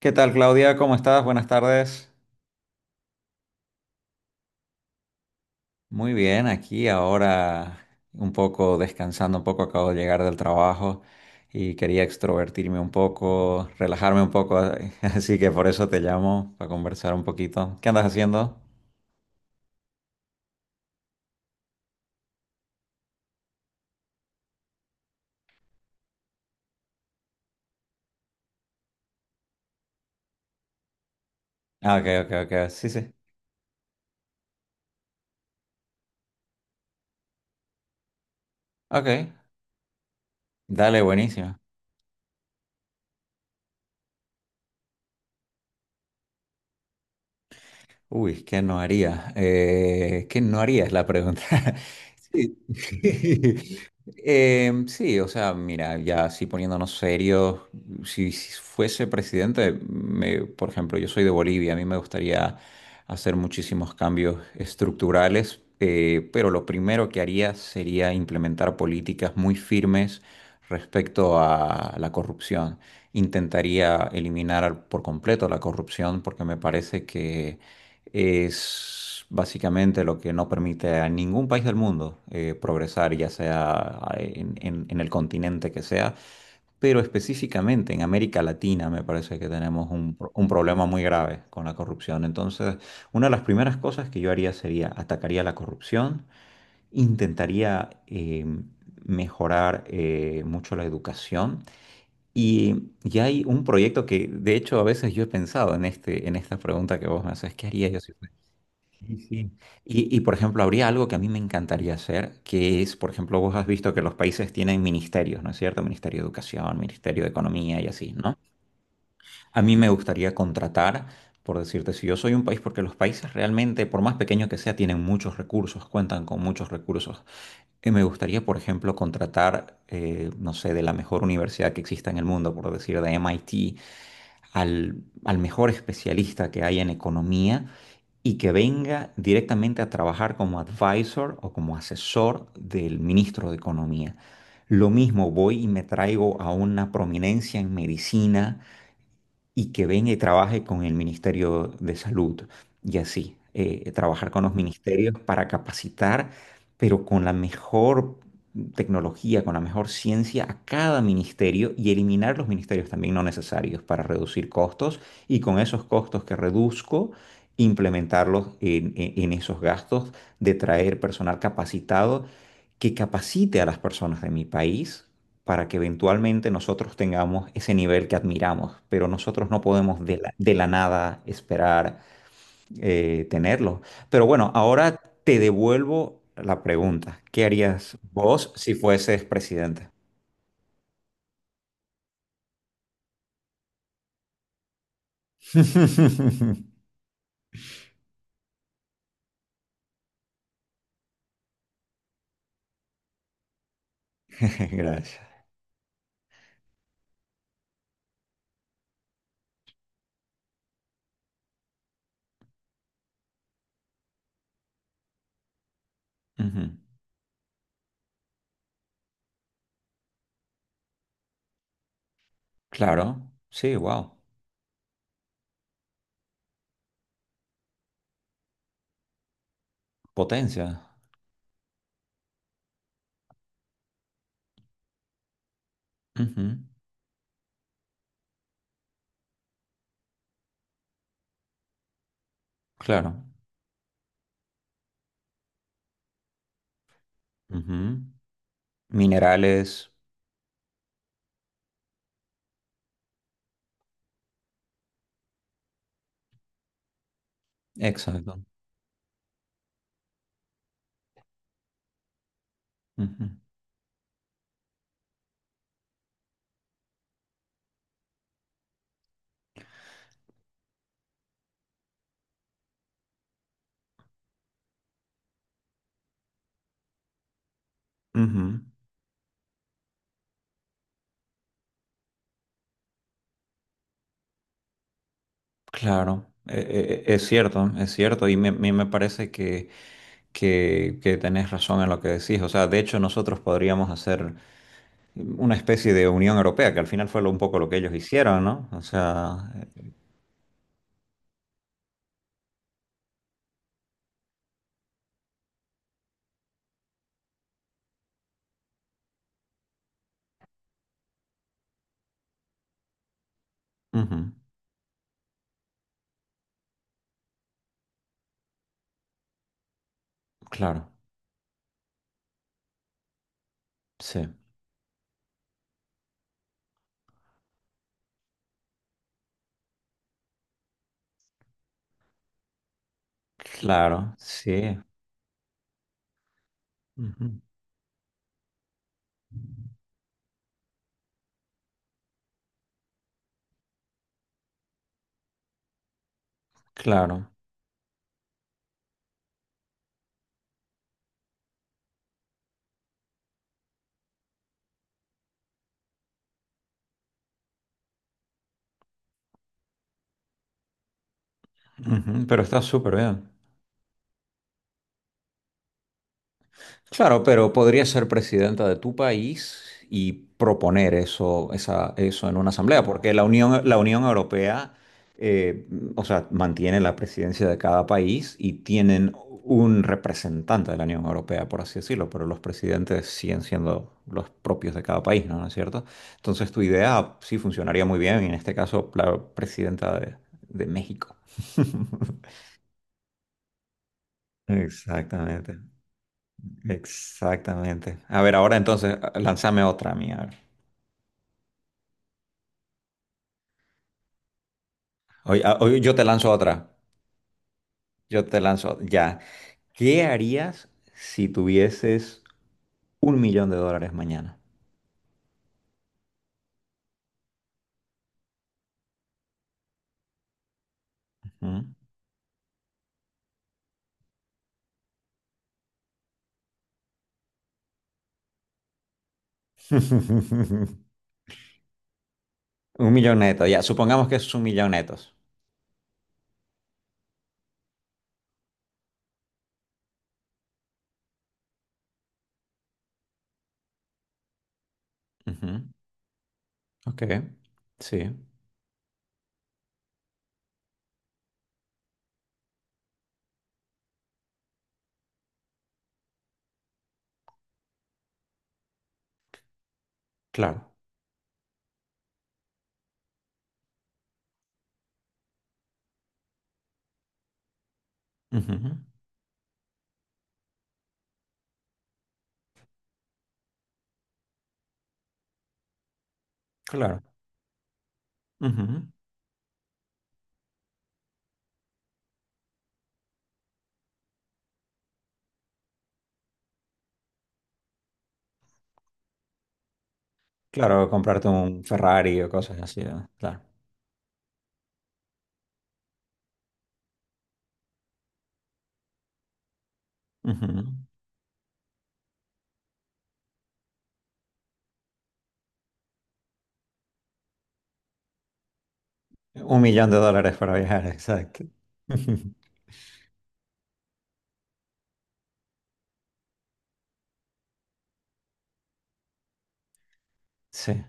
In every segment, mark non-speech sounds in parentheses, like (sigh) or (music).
¿Qué tal, Claudia? ¿Cómo estás? Buenas tardes. Muy bien, aquí ahora un poco descansando, un poco acabo de llegar del trabajo y quería extrovertirme un poco, relajarme un poco, (laughs) así que por eso te llamo para conversar un poquito. ¿Qué andas haciendo? Ah, ok, ok, ok. Sí, sí. Ok. Dale, buenísimo. Uy, ¿qué no haría? ¿Qué no haría es la pregunta? (laughs) Sí. (laughs) Sí, o sea, mira, ya así poniéndonos serios, si fuese presidente, por ejemplo, yo soy de Bolivia, a mí me gustaría hacer muchísimos cambios estructurales, pero lo primero que haría sería implementar políticas muy firmes respecto a la corrupción. Intentaría eliminar por completo la corrupción porque me parece que es básicamente lo que no permite a ningún país del mundo progresar, ya sea en el continente que sea, pero específicamente en América Latina me parece que tenemos un problema muy grave con la corrupción. Entonces, una de las primeras cosas que yo haría sería atacaría la corrupción, intentaría mejorar mucho la educación. Y ya hay un proyecto que, de hecho, a veces yo he pensado en en esta pregunta que vos me haces, ¿qué haría yo si Sí, sí? Y, por ejemplo, habría algo que a mí me encantaría hacer, que es, por ejemplo, vos has visto que los países tienen ministerios, ¿no es cierto? Ministerio de Educación, Ministerio de Economía y así, ¿no? A mí me gustaría contratar, por decirte, si yo soy un país, porque los países realmente, por más pequeño que sea, tienen muchos recursos, cuentan con muchos recursos. Y me gustaría, por ejemplo, contratar, no sé, de la mejor universidad que exista en el mundo, por decir, de MIT, al mejor especialista que hay en economía y que venga directamente a trabajar como advisor o como asesor del ministro de Economía. Lo mismo voy y me traigo a una prominencia en medicina y que venga y trabaje con el Ministerio de Salud y así, trabajar con los ministerios para capacitar, pero con la mejor tecnología, con la mejor ciencia a cada ministerio y eliminar los ministerios también no necesarios para reducir costos y con esos costos que reduzco, implementarlos en esos gastos de traer personal capacitado que capacite a las personas de mi país para que eventualmente nosotros tengamos ese nivel que admiramos, pero nosotros no podemos de de la nada esperar tenerlo. Pero bueno, ahora te devuelvo la pregunta. ¿Qué harías vos si fueses presidente? (laughs) Gracias. Ujú. Claro, sí, wow. Potencia. Ujú. Claro. Ujú. Minerales. Exacto. Ujú. Ujú. Claro, es cierto, y me parece que tenés razón en lo que decís. O sea, de hecho nosotros podríamos hacer una especie de Unión Europea, que al final fue un poco lo que ellos hicieron, ¿no? O sea, ujú, claro, sí, claro, sí, ujú, claro, ujú, pero está súper bien. Claro, pero podría ser presidenta de tu país y proponer eso, eso en una asamblea, porque la Unión Europea, eh, o sea, mantiene la presidencia de cada país y tienen un representante de la Unión Europea, por así decirlo, pero los presidentes siguen siendo los propios de cada país, ¿no? ¿No es cierto? Entonces tu idea sí funcionaría muy bien, y en este caso la presidenta de México. (laughs) Exactamente. Exactamente. A ver, ahora entonces, lánzame otra mía. A ver. Hoy, hoy yo te lanzo otra. Yo te lanzo, ya. ¿Qué harías si tuvieses un millón de dólares mañana? Ujú. (laughs) Un millón neto, ya. Supongamos que es un millón netos. Ujú. Ok. Sí, claro. Ujú. Claro. Ujú. Claro, comprarte un Ferrari o cosas así, ¿no? Claro. Ujú. Un millón de dólares para viajar, exacto. (laughs) Sí.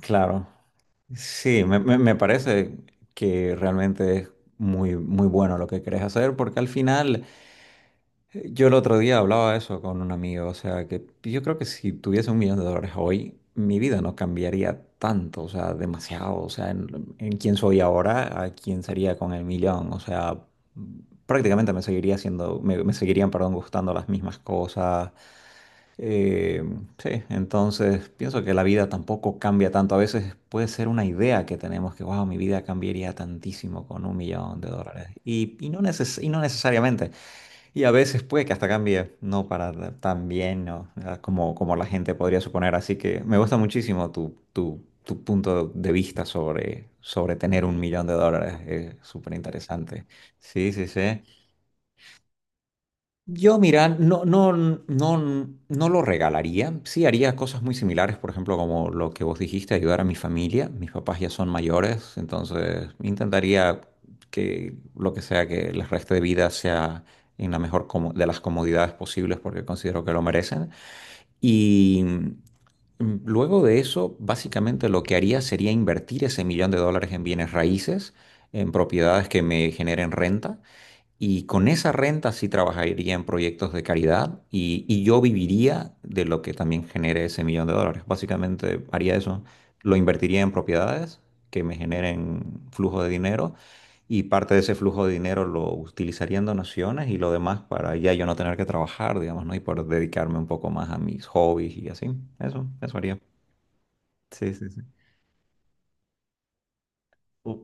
Claro, sí, me parece que realmente es muy, muy bueno lo que querés hacer, porque al final, yo el otro día hablaba eso con un amigo, o sea, que yo creo que si tuviese un millón de dólares hoy, mi vida no cambiaría tanto, o sea, demasiado, o sea, en quién soy ahora, a quién sería con el millón, o sea, prácticamente me seguiría haciendo, me seguirían, perdón, gustando las mismas cosas, eh, sí, entonces pienso que la vida tampoco cambia tanto. A veces puede ser una idea que tenemos que, wow, mi vida cambiaría tantísimo con un millón de dólares. Y y no necesariamente. Y a veces puede que hasta cambie, no para tan bien, ¿no? Ah, como, como la gente podría suponer. Así que me gusta muchísimo tu punto de vista sobre, sobre tener un millón de dólares. Es súper interesante. Sí, sí, sí. Yo, mira, no, no, no, no lo regalaría. Sí, haría cosas muy similares, por ejemplo, como lo que vos dijiste, ayudar a mi familia. Mis papás ya son mayores, entonces intentaría que lo que sea que les reste de vida sea en la mejor de las comodidades posibles porque considero que lo merecen. Y luego de eso, básicamente lo que haría sería invertir ese millón de dólares en bienes raíces, en propiedades que me generen renta. Y con esa renta sí trabajaría en proyectos de caridad y yo viviría de lo que también genere ese millón de dólares. Básicamente haría eso, lo invertiría en propiedades que me generen flujo de dinero y parte de ese flujo de dinero lo utilizaría en donaciones y lo demás para ya yo no tener que trabajar, digamos, ¿no? Y poder dedicarme un poco más a mis hobbies y así. Eso haría. Sí, sí, sí. Uh,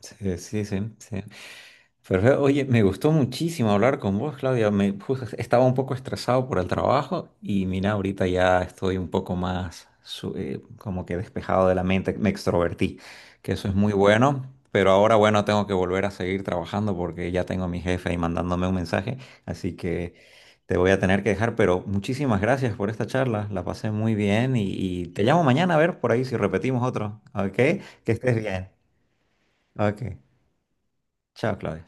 sí, sí, sí, sí. Perfecto. Oye, me gustó muchísimo hablar con vos, Claudia. Me, justo estaba un poco estresado por el trabajo y mira, ahorita ya estoy un poco más como que despejado de la mente. Me extrovertí, que eso es muy bueno. Pero ahora, bueno, tengo que volver a seguir trabajando porque ya tengo a mi jefe ahí mandándome un mensaje. Así que te voy a tener que dejar. Pero muchísimas gracias por esta charla. La pasé muy bien y te llamo mañana a ver por ahí si repetimos otro. ¿Ok? Que estés bien. Ok. Chao, Claudia.